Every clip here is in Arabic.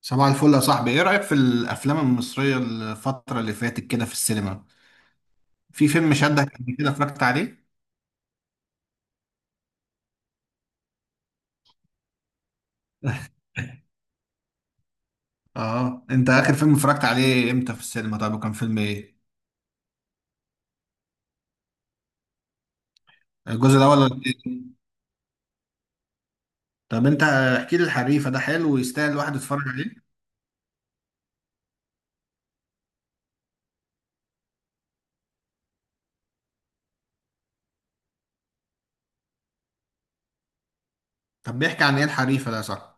صباح الفل يا صاحبي، ايه رأيك في الافلام المصرية الفترة اللي فاتت كده في السينما؟ في فيلم شدك قبل كده اتفرجت عليه؟ اه، انت اخر فيلم اتفرجت عليه امتى في السينما؟ طب وكان فيلم ايه؟ الجزء الاول ولا التاني؟ طب انت احكي لي الحريفة ده حلو ويستاهل الواحد يتفرج عليه؟ طب بيحكي عن ايه الحريفة ده يا صاحبي؟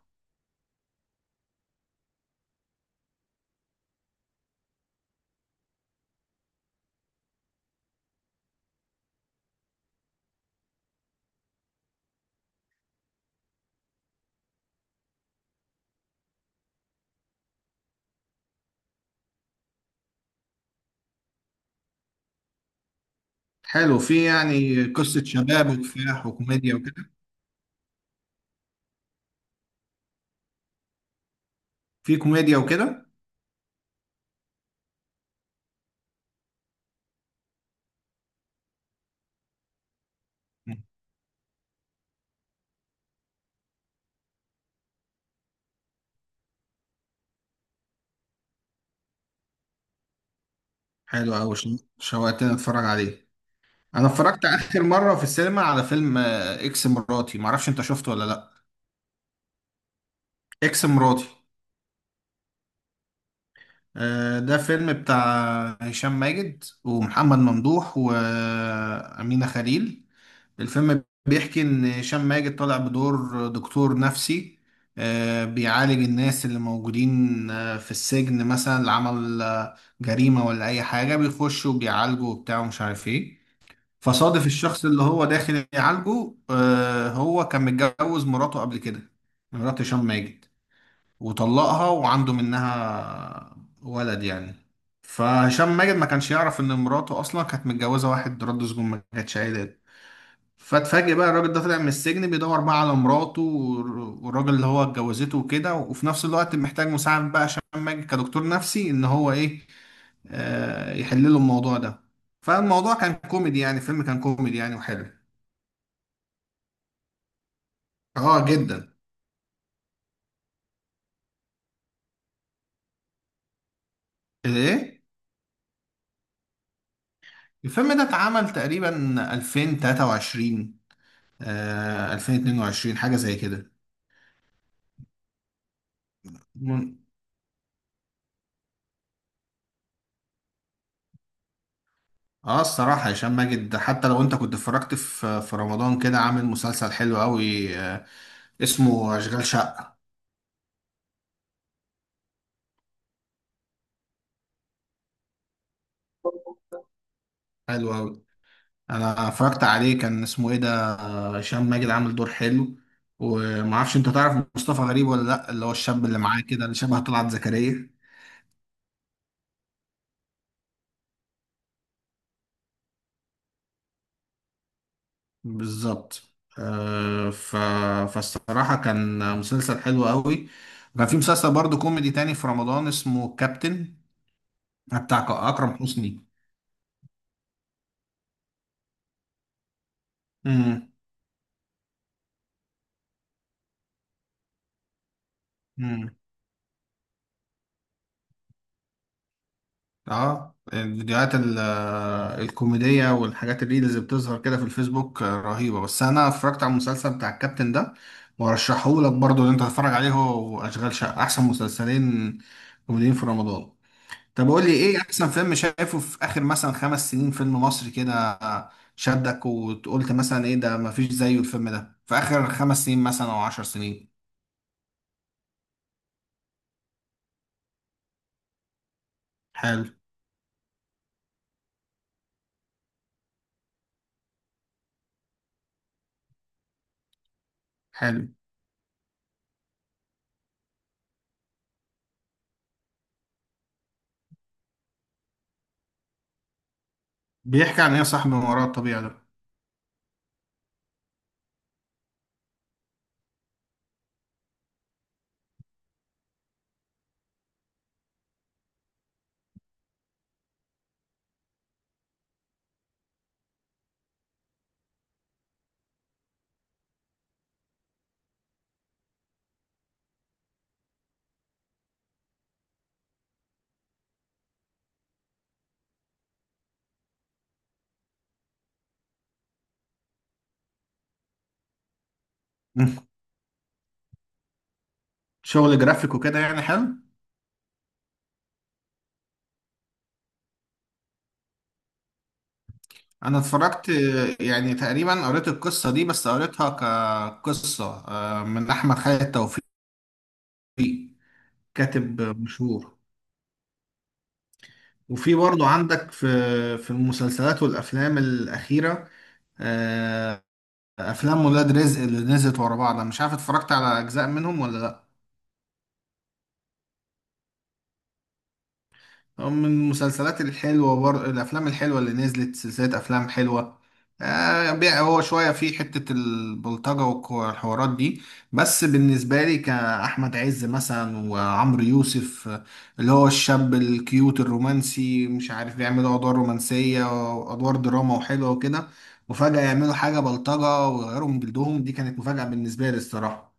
حلو، في يعني قصة شباب وكفاح وكوميديا وكده؟ في كوميديا وكده؟ مم. حلو أوي، شوقتني اتفرج عليه. انا اتفرجت اخر مرة في السينما على فيلم اكس مراتي، معرفش انت شفته ولا لا. اكس مراتي. ده فيلم بتاع هشام ماجد ومحمد ممدوح وأمينة خليل. الفيلم بيحكي إن هشام ماجد طالع بدور دكتور نفسي، بيعالج الناس اللي موجودين في السجن مثلا، اللي عمل جريمة ولا أي حاجة بيخش وبيعالجه وبتاع ومش عارف إيه. فصادف الشخص اللي هو داخل يعالجه، هو كان متجوز مراته قبل كده. مرات هشام ماجد، وطلقها وعنده منها ولد يعني. فهشام ماجد ما كانش يعرف ان مراته اصلا كانت متجوزه واحد رد سجون، ما كانتش عيلات. فاتفاجئ بقى الراجل ده طلع من السجن بيدور بقى على مراته والراجل اللي هو اتجوزته وكده، وفي نفس الوقت محتاج مساعد بقى هشام ماجد كدكتور نفسي ان هو ايه، آه، يحل له الموضوع ده. فالموضوع كان كوميدي يعني، الفيلم كان كوميدي يعني وحلو. اه جدا. ايه، الفيلم ده اتعمل تقريبا 2023، آه 2022، حاجة زي كده. من- اه، الصراحة هشام ماجد حتى لو انت كنت اتفرجت في رمضان كده عامل مسلسل حلو قوي، آه، اسمه اشغال شقة. حلو قوي. انا اتفرجت عليه، كان اسمه ايه ده؟ هشام ماجد عامل دور حلو، ومعرفش انت تعرف مصطفى غريب ولا لا، اللي هو الشاب اللي معاه كده اللي شبه طلعت زكريا. بالظبط. آه ف... فالصراحة كان مسلسل حلو قوي. وكان في مسلسل برضه كوميدي تاني في رمضان اسمه كابتن، بتاع أكرم حسني. امم امم. اه، الفيديوهات الكوميدية والحاجات الريلز اللي بتظهر كده في الفيسبوك، آه، رهيبة. بس أنا اتفرجت على المسلسل بتاع الكابتن ده، وأرشحهولك برضه إن أنت تتفرج عليه، هو وأشغال شقة أحسن مسلسلين كوميديين في رمضان. طب قول لي إيه أحسن فيلم شايفه في آخر مثلا 5 سنين، فيلم مصري كده شدك وقلت مثلا إيه ده مفيش زيه، الفيلم ده في آخر 5 سنين مثلا أو 10 سنين؟ حلو. حلو. بيحكي عن إيه يا صاحبي من وراء الطبيعة ده؟ مم. شغل جرافيك وكده يعني، حلو. انا اتفرجت، يعني تقريبا قريت القصه دي، بس قريتها كقصه، من احمد خالد توفيق، كاتب مشهور. وفي برضه عندك في في المسلسلات والافلام الاخيره، آه، افلام ولاد رزق اللي نزلت ورا بعض، انا مش عارف اتفرجت على اجزاء منهم ولا لا. من المسلسلات الحلوة، الأفلام الحلوة اللي نزلت، سلسلة أفلام حلوة، هو شوية في حتة البلطجة والحوارات دي، بس بالنسبة لي كأحمد عز مثلا وعمرو يوسف، اللي هو الشاب الكيوت الرومانسي، مش عارف بيعملوا أدوار رومانسية وأدوار دراما وحلوة وكده، وفجأة يعملوا حاجة بلطجة ويغيروا من جلدهم، دي كانت مفاجأة بالنسبة لي الصراحة.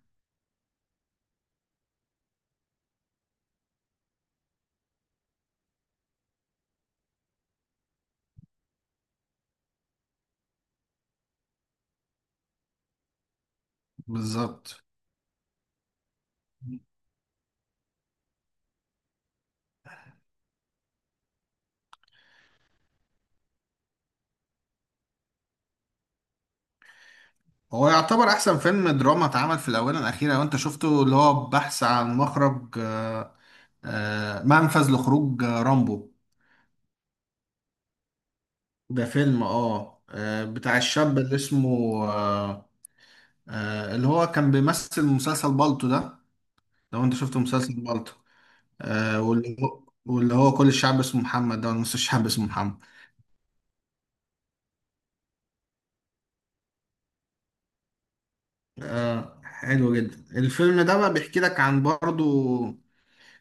بالظبط. هو يعتبر احسن فيلم دراما اتعمل في الاونه الاخيره لو انت شفته، اللي هو بحث عن مخرج، منفذ لخروج، رامبو. ده فيلم، بتاع الشاب اللي اسمه، اللي هو كان بيمثل مسلسل بالطو ده، لو انت شفته مسلسل بالطو. واللي هو كل الشعب اسمه محمد ده ولا نص الشعب اسمه محمد. حلو جدا، الفيلم ده بقى بيحكي لك عن برضو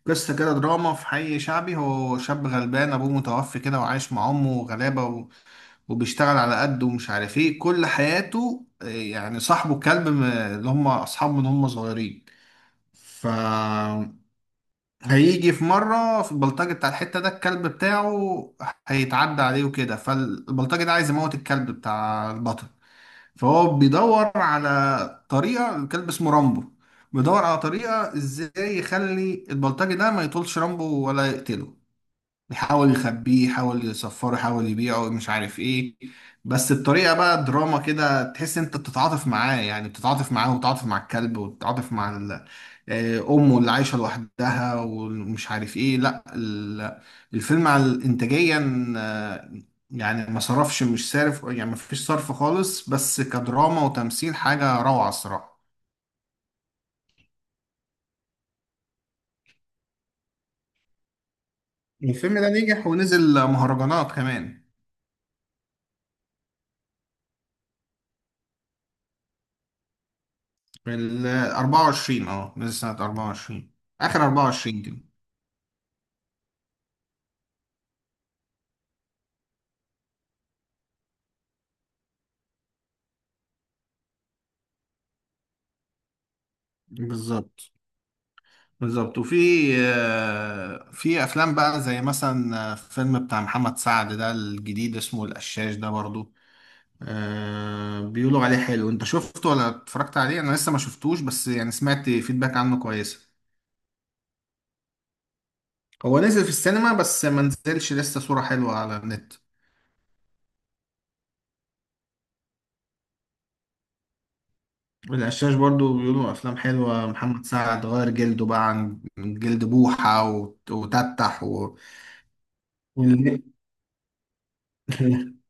قصة كده دراما في حي شعبي. هو شاب غلبان أبوه متوفي كده وعايش مع أمه غلابة، وبيشتغل على قده ومش عارف إيه كل حياته، يعني صاحبه كلب اللي هم أصحابه من هم صغيرين. فهيجي في مرة في البلطجي بتاع الحتة ده، الكلب بتاعه هيتعدى عليه وكده، فالبلطجي ده عايز يموت الكلب بتاع البطل. فهو بيدور على طريقة، الكلب اسمه رامبو، بيدور على طريقة ازاي يخلي البلطجي ده ما يطولش رامبو ولا يقتله. يحاول يخبيه، يحاول يصفره، يحاول يبيعه، مش عارف ايه، بس بطريقة بقى دراما كده تحس انت بتتعاطف معاه. يعني بتتعاطف معاه وبتتعاطف مع الكلب وبتتعاطف مع امه اللي عايشة لوحدها ومش عارف ايه. لا، الفيلم على انتاجيا، يعني ما صرفش، مش صارف يعني، ما فيش صرف خالص، بس كدراما وتمثيل حاجة روعة الصراحة. الفيلم ده نجح ونزل مهرجانات كمان. ال 24، اه نزل سنة 24، آخر 24 كده. بالظبط. بالظبط. في أفلام بقى زي مثلا، فيلم بتاع محمد سعد ده الجديد اسمه القشاش ده برضو، بيقولوا عليه حلو. أنت شفته ولا اتفرجت عليه؟ أنا لسه ما شفتوش، بس يعني سمعت فيدباك عنه كويسة. هو نزل في السينما بس ما نزلش لسه صورة حلوة على النت. القشاش برضو بيقولوا أفلام حلوة، محمد سعد غير جلده بقى عن من جلد بوحة وال-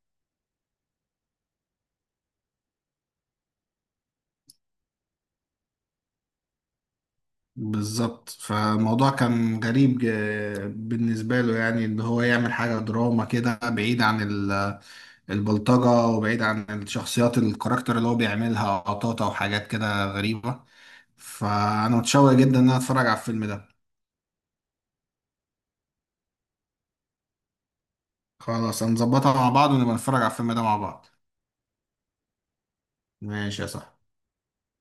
بالظبط. فالموضوع كان غريب بالنسبة له، يعني إن هو يعمل حاجة دراما كده بعيد عن البلطجة، وبعيد عن الشخصيات الكاركتر اللي هو بيعملها قطاطة وحاجات كده غريبة. فأنا متشوق جدا إن أنا أتفرج على الفيلم ده. خلاص هنظبطها مع بعض ونبقى نتفرج على الفيلم ده مع بعض. ماشي يا صاحبي.